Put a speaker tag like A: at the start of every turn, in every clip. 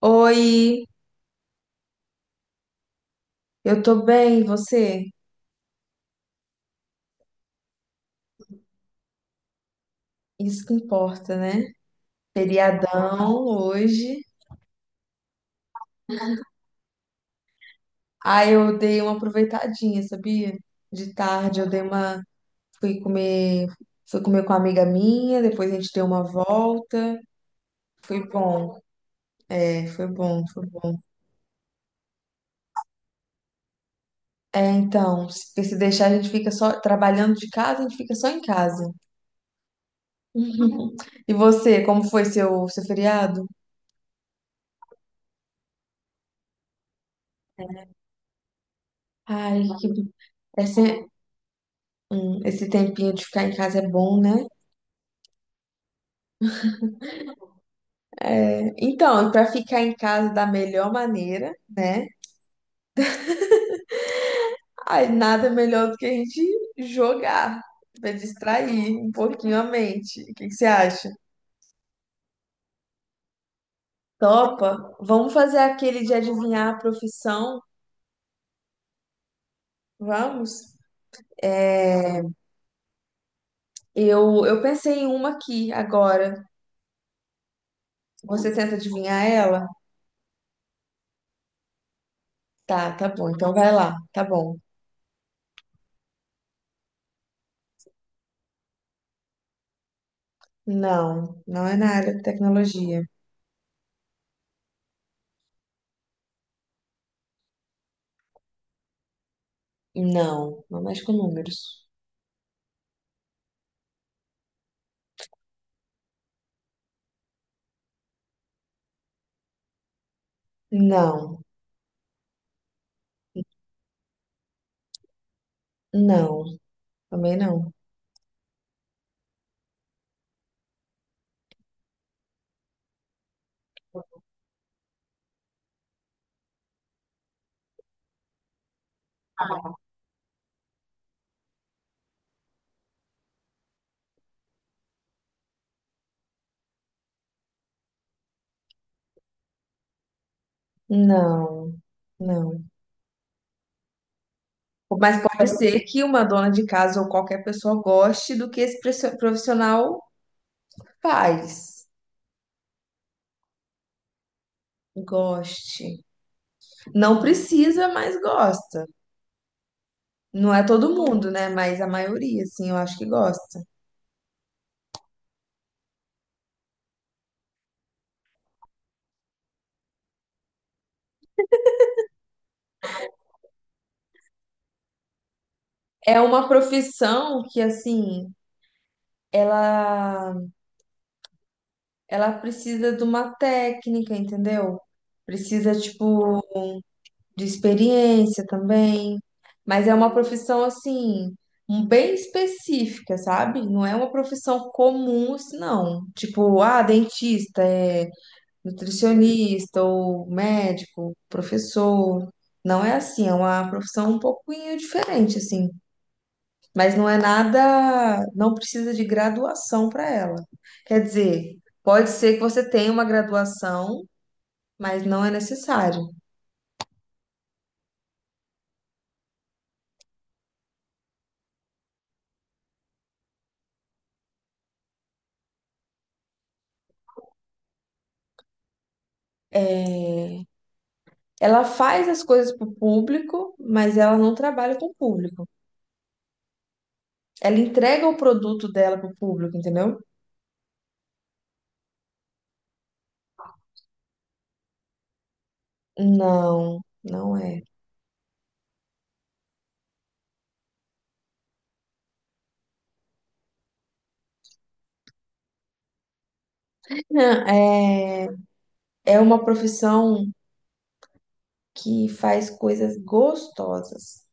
A: Oi, eu tô bem, e você? Isso que importa, né? Feriadão hoje. Ah, eu dei uma aproveitadinha, sabia? De tarde eu dei uma, fui comer, fui comer com uma amiga minha, depois a gente deu uma volta. Foi bom, é, foi bom, foi bom. É, então, se porque se deixar a gente fica só trabalhando de casa, a gente fica só em casa. Uhum. E você, como foi seu feriado? Ai, que... esse, esse tempinho de ficar em casa é bom, né? Então, para ficar em casa da melhor maneira, né? Aí nada melhor do que a gente jogar, para distrair um pouquinho a mente. O que que você acha? Topa? Vamos fazer aquele de adivinhar a profissão? Vamos? É, eu pensei em uma aqui agora. Você tenta adivinhar ela? Tá, tá bom. Então vai lá. Tá bom. Não, não é na área de tecnologia. Não, não mexe com números. Não, não, também não. Não, não. Mas pode ser que uma dona de casa ou qualquer pessoa goste do que esse profissional faz. Goste. Não precisa, mas gosta. Não é todo mundo, né? Mas a maioria, assim, eu acho que gosta. É uma profissão que, assim, ela, ela precisa de uma técnica, entendeu? Precisa, tipo, de experiência também, mas é uma profissão assim, um bem específica, sabe? Não é uma profissão comum, assim, não. Tipo, ah, dentista, é nutricionista ou médico, professor. Não é assim, é uma profissão um pouquinho diferente, assim. Mas não é nada, não precisa de graduação para ela. Quer dizer, pode ser que você tenha uma graduação, mas não é necessário. É, ela faz as coisas para o público, mas ela não trabalha com o público. Ela entrega o produto dela para o público, entendeu? Não, não é. É, é uma profissão que faz coisas gostosas.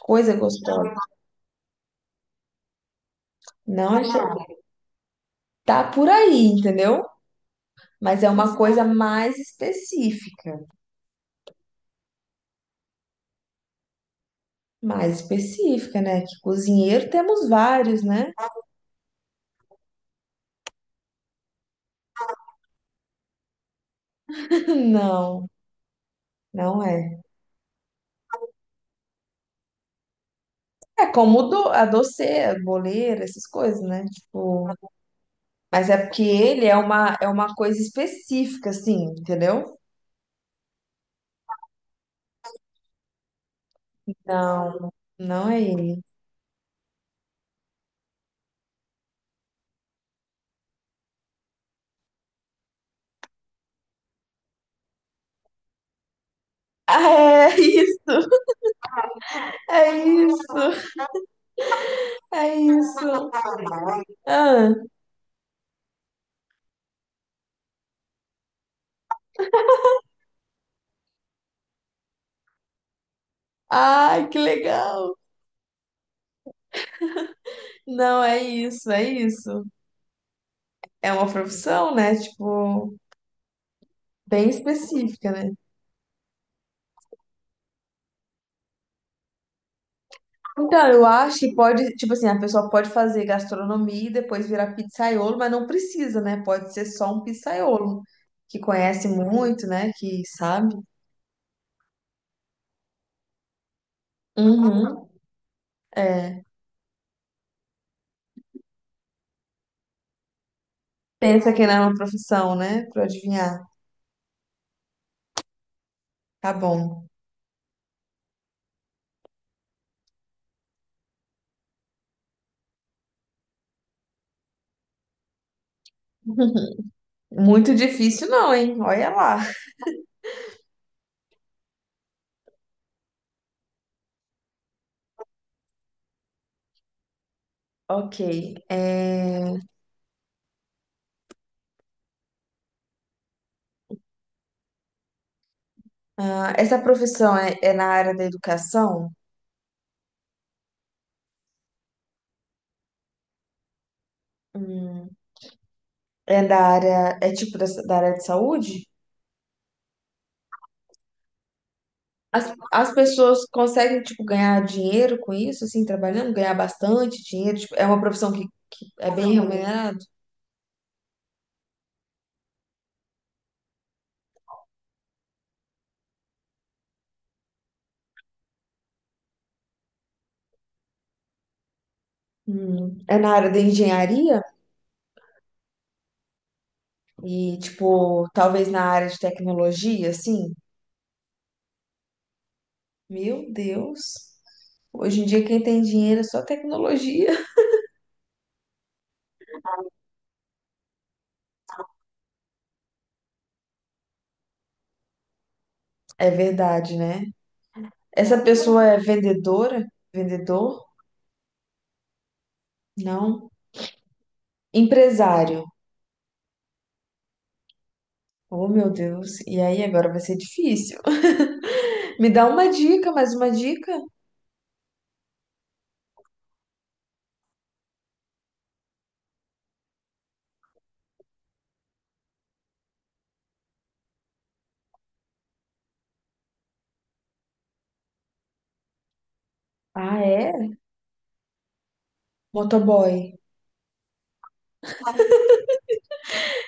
A: Coisa gostosa. Não é. Tá por aí, entendeu? Mas é uma coisa mais específica. Mais específica, né? Que cozinheiro temos vários, né? Não, não é. É como do, a doceira, boleira, essas coisas, né? Tipo, mas é porque ele é uma coisa específica, assim, entendeu? Não, não é ele. Ah, é isso! É isso! É isso! Ah, ai, que legal! Não, é isso, é isso. É uma profissão, né? Tipo, bem específica, né? Então, eu acho que pode, tipo assim, a pessoa pode fazer gastronomia e depois virar pizzaiolo, mas não precisa, né? Pode ser só um pizzaiolo, que conhece muito, né? Que sabe. Uhum. É. Pensa que não é uma profissão, né? Pra adivinhar. Tá bom. Muito difícil não, hein? Olha lá. Ok. É, ah, essa profissão é, é na área da educação? Hum, É da área, é tipo da, da área de saúde? As pessoas conseguem, tipo, ganhar dinheiro com isso, assim, trabalhando, ganhar bastante dinheiro, tipo, é uma profissão que é bem remunerada. Hum. É na área da engenharia e, tipo, talvez na área de tecnologia, assim. Meu Deus. Hoje em dia quem tem dinheiro é só tecnologia. É verdade, né? Essa pessoa é vendedora? Vendedor? Não. Empresário. Oh, meu Deus. E aí agora vai ser difícil. Me dá uma dica, mais uma dica. Ah, é? Motoboy.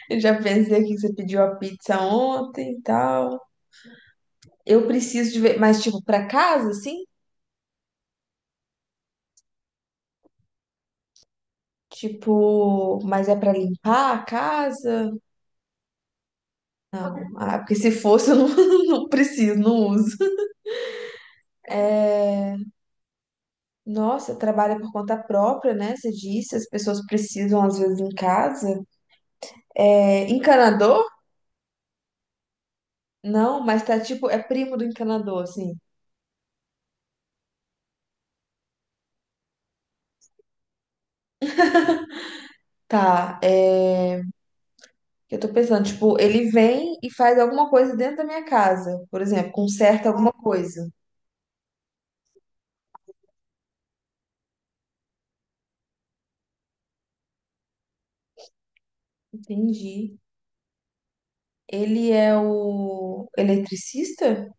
A: Eu já pensei aqui que você pediu a pizza ontem e tal. Eu preciso de ver, mas tipo, pra casa, assim? Tipo, mas é pra limpar a casa? Não. Ah, porque se fosse, eu não, não preciso, não uso. Nossa, trabalha por conta própria, né? Você disse, as pessoas precisam às vezes em casa. É, encanador? Não, mas tá tipo, é primo do encanador, assim. Tá, é. Eu tô pensando, tipo, ele vem e faz alguma coisa dentro da minha casa, por exemplo, conserta alguma coisa. Entendi. Ele é o eletricista?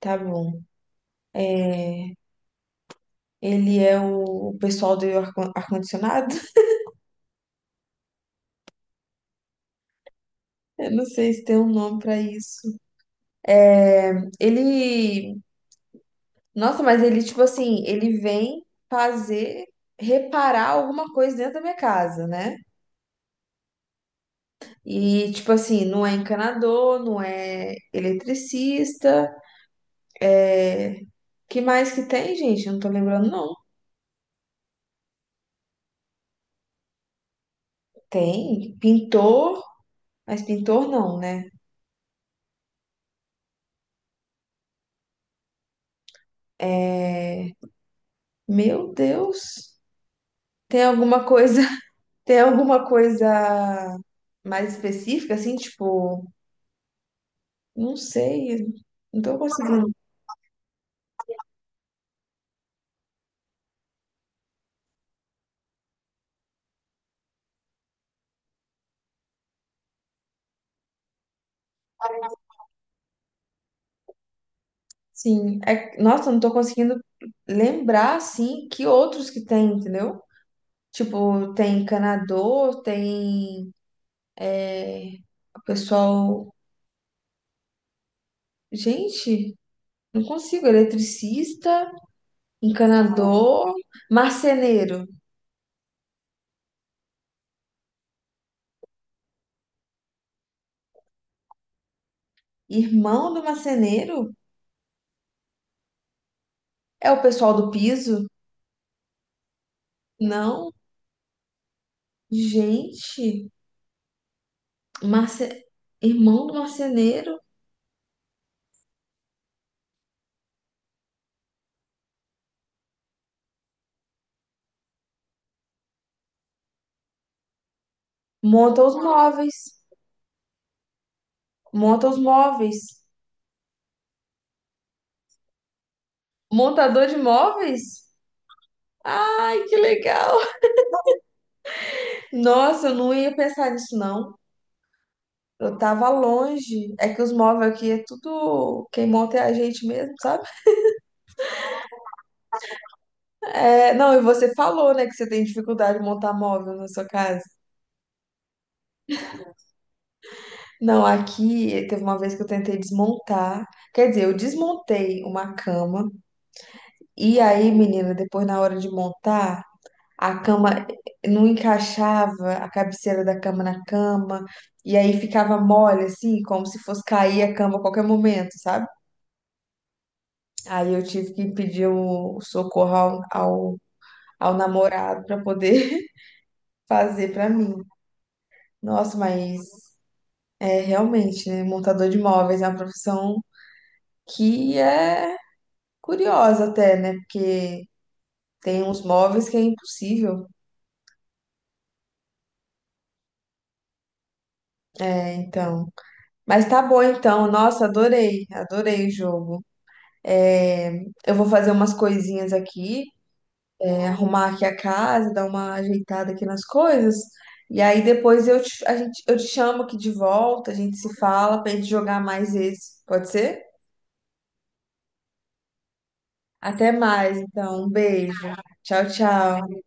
A: Tá bom. Ele é o pessoal do ar-condicionado? Eu não sei se tem um nome pra isso. É, ele. Nossa, mas ele, tipo assim, ele vem fazer. Reparar alguma coisa dentro da minha casa, né? E, tipo assim, não é encanador, não é eletricista, é que mais que tem, gente? Eu não tô lembrando, não. Tem pintor, mas pintor não, né? É... Meu Deus. Tem alguma coisa, tem alguma coisa mais específica, assim, tipo, não sei, não tô conseguindo. Sim, é... nossa, não tô conseguindo lembrar, assim, que outros que tem, entendeu? Tipo, tem encanador, tem é, o pessoal. Gente, não consigo, eletricista. Encanador, marceneiro. Irmão do marceneiro? É o pessoal do piso? Não. Gente, marce... irmão do marceneiro monta os móveis. Monta os móveis. Montador de móveis? Ai, que legal. Nossa, eu não ia pensar nisso, não. Eu tava longe. É que os móveis aqui é tudo. Quem monta é a gente mesmo, sabe? É... Não, e você falou, né, que você tem dificuldade de montar móvel na sua casa. Não, aqui teve uma vez que eu tentei desmontar. Quer dizer, eu desmontei uma cama. E aí, menina, depois na hora de montar, a cama não encaixava, a cabeceira da cama na cama. E aí ficava mole, assim, como se fosse cair a cama a qualquer momento, sabe? Aí eu tive que pedir o socorro ao namorado para poder fazer para mim. Nossa, mas é realmente, né? Montador de móveis é uma profissão que é curiosa até, né? Porque tem uns móveis que é impossível. É, então. Mas tá bom então. Nossa, adorei. Adorei o jogo. É, eu vou fazer umas coisinhas aqui, é, arrumar aqui a casa, dar uma ajeitada aqui nas coisas. E aí depois eu te, a gente, eu te chamo aqui de volta, a gente se fala pra gente jogar mais esse. Pode ser? Até mais, então. Um beijo. Tchau, tchau.